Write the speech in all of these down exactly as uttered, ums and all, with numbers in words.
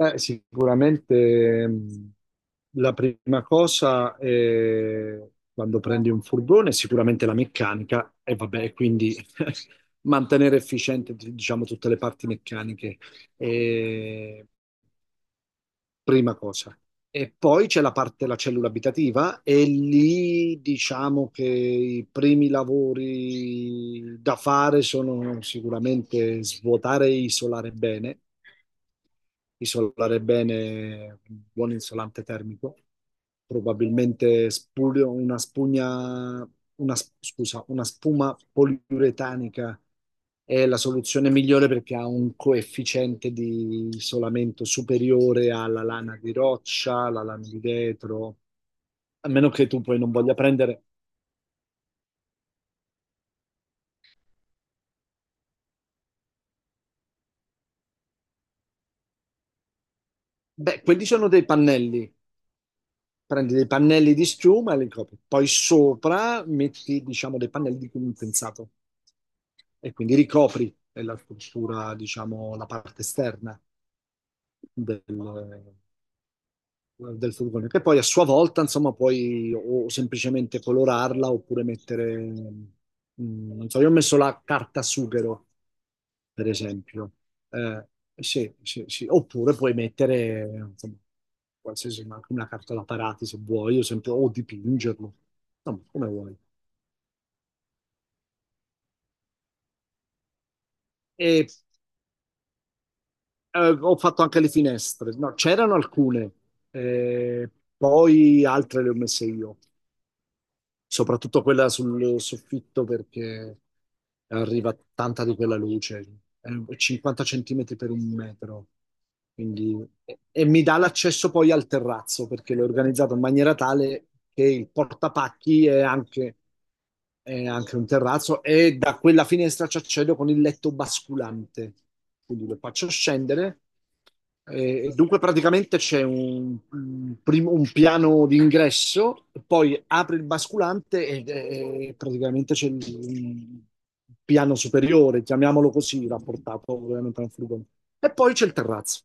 Eh, sicuramente mh, la prima cosa è quando prendi un furgone, sicuramente la meccanica e vabbè, quindi mantenere efficiente, diciamo, tutte le parti meccaniche prima cosa. E poi c'è la parte della cellula abitativa e lì diciamo che i primi lavori da fare sono sicuramente svuotare e isolare bene, isolare bene con un buon isolante termico probabilmente spu- una spugna, una, s- scusa, una spuma poliuretanica è la soluzione migliore perché ha un coefficiente di isolamento superiore alla lana di roccia, alla lana di vetro, a meno che tu poi non voglia prendere... Beh, quelli sono dei pannelli. Prendi dei pannelli di schiuma e li copri. Poi sopra metti, diciamo, dei pannelli di condensato e quindi ricopri la struttura, diciamo, la parte esterna del, del furgone, che poi a sua volta, insomma, puoi o semplicemente colorarla oppure mettere, mm, non so, io ho messo la carta sughero, per esempio. Eh, sì, sì, sì. Oppure puoi mettere, insomma, qualsiasi, ma anche una carta da parati se vuoi, o, sempre, o dipingerlo, insomma, come vuoi. E eh, ho fatto anche le finestre, no, c'erano alcune, eh, poi altre le ho messe io. Soprattutto quella sul soffitto perché arriva tanta di quella luce, è cinquanta centimetri per un metro, quindi, e, e mi dà l'accesso poi al terrazzo perché l'ho organizzato in maniera tale che il portapacchi è anche, è anche un terrazzo e da quella finestra ci accedo con il letto basculante, quindi lo faccio scendere. Eh, dunque praticamente c'è un, un prim- un piano d'ingresso, poi apre il basculante e, e- e praticamente c'è il, un piano superiore, chiamiamolo così, rapportato ovviamente a un furgone. E poi c'è il terrazzo.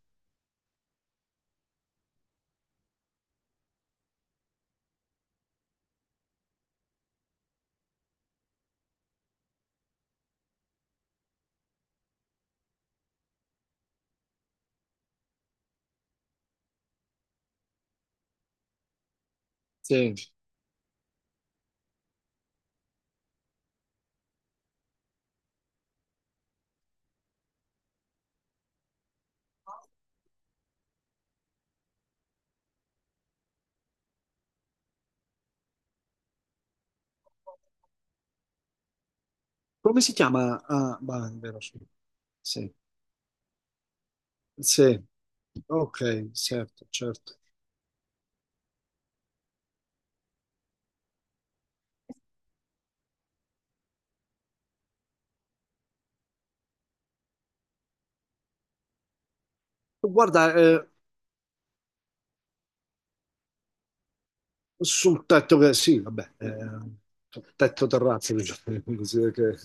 Sì. Come si chiama? Ah, bah, è vero, sì. Sì. Sì. Ok, certo, certo. Guarda, eh, sul tetto che sì, vabbè, eh, tetto terrazzo, diciamo così, perché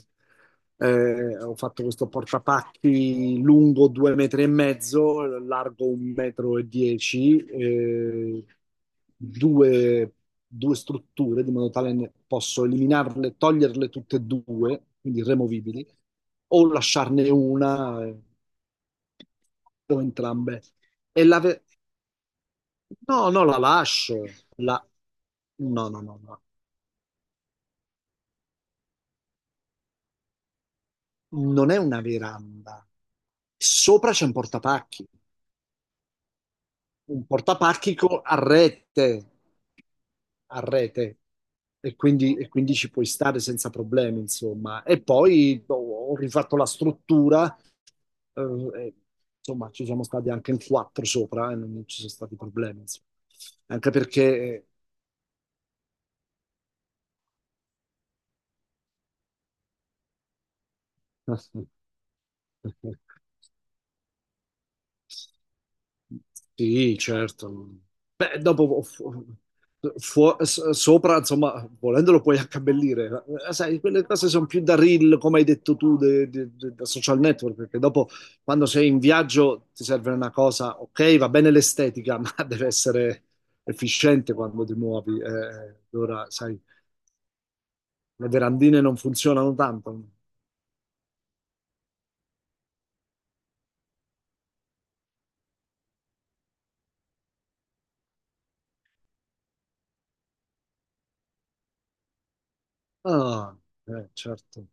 eh, ho fatto questo portapacchi lungo due metri e mezzo, largo un metro e dieci, eh, due, due strutture di modo tale ne posso eliminarle, toglierle tutte e due, quindi removibili, o lasciarne una eh, o entrambe. E la, ve- No, no, la lascio. La... No, no, no, no. Non è una veranda. Sopra c'è un portapacchi. Un portapacchi co- a rete. A rete. E quindi, e quindi ci puoi stare senza problemi, insomma. E poi ho, ho rifatto la struttura. eh, e, insomma, ci siamo stati anche in quattro sopra e non ci sono stati problemi, insomma. Anche perché... Sì, certo. Beh, dopo fu- fu- s- sopra, insomma, volendolo puoi accabellire. Eh, Sai, quelle cose sono più da reel, come hai detto tu, de- de- de- da social network, perché dopo, quando sei in viaggio, ti serve una cosa, ok, va bene l'estetica, ma deve essere efficiente quando ti muovi. Eh, allora, sai, le verandine non funzionano tanto. Ah, eh, certo.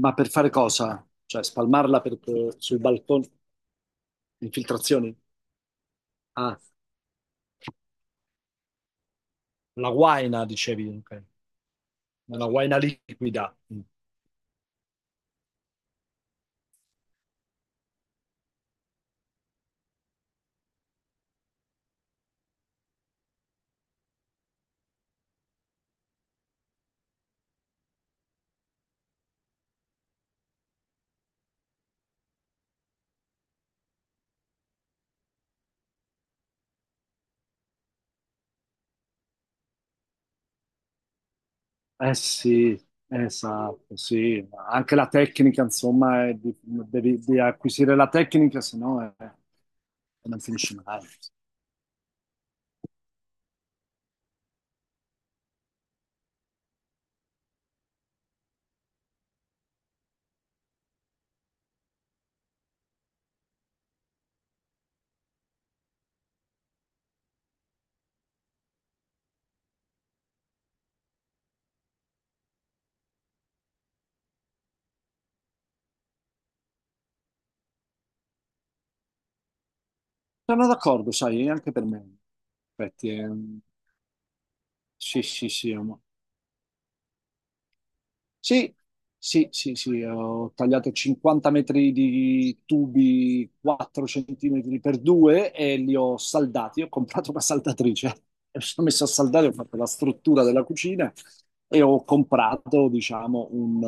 Ma per fare cosa? Cioè, spalmarla per, per- sui balconi, infiltrazioni? Ah, la guaina, dicevi, ok. Una guaina liquida. Mm. Eh sì, esatto, sì. Anche la tecnica, insomma, è di- devi di acquisire la tecnica, se no è, non finisci mai. Sono d'accordo, sai, anche per me. Infatti, è un- sì, sì, sì, è un- sì, sì, sì, sì, ho tagliato cinquanta metri di tubi quattro centimetri per due e li ho saldati. Ho comprato una saldatrice, mi sono messo a saldare, ho fatto la struttura della cucina e ho comprato, diciamo, un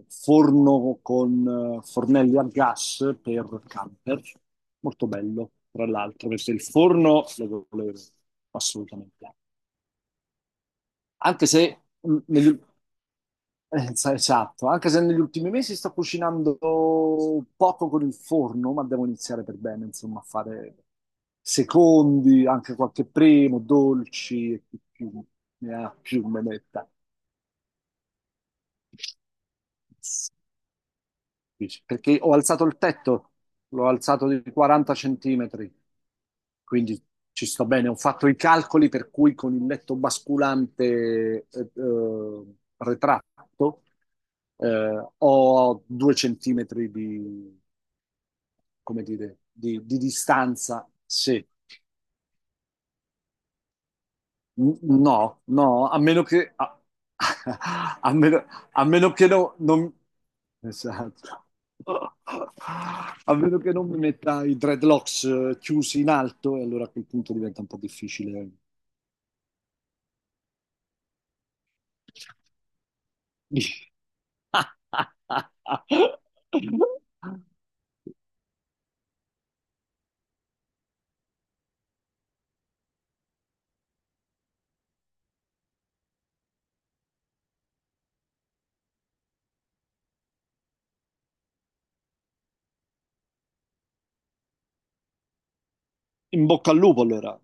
eh, forno con eh, fornelli a gas per camper. Molto bello, tra l'altro, perché il forno lo volevo assolutamente. Anche se mh, negli- eh, es- Esatto, anche se negli ultimi mesi sto cucinando poco con il forno, ma devo iniziare per bene, insomma, a fare secondi, anche qualche primo, dolci e chi più, ne ha più me metta. Dici, perché ho alzato il tetto, l'ho alzato di quaranta centimetri, quindi ci sto bene. Ho fatto i calcoli per cui con il letto basculante eh, eh, retratto eh, ho due centimetri di, come dire, di, di distanza, sì. N- No, no, a meno che, a, a meno, a meno che no- non, esatto. A meno che non mi metta i dreadlocks eh, chiusi in alto, e allora a quel punto diventa un po' difficile. In bocca al lupo, allora.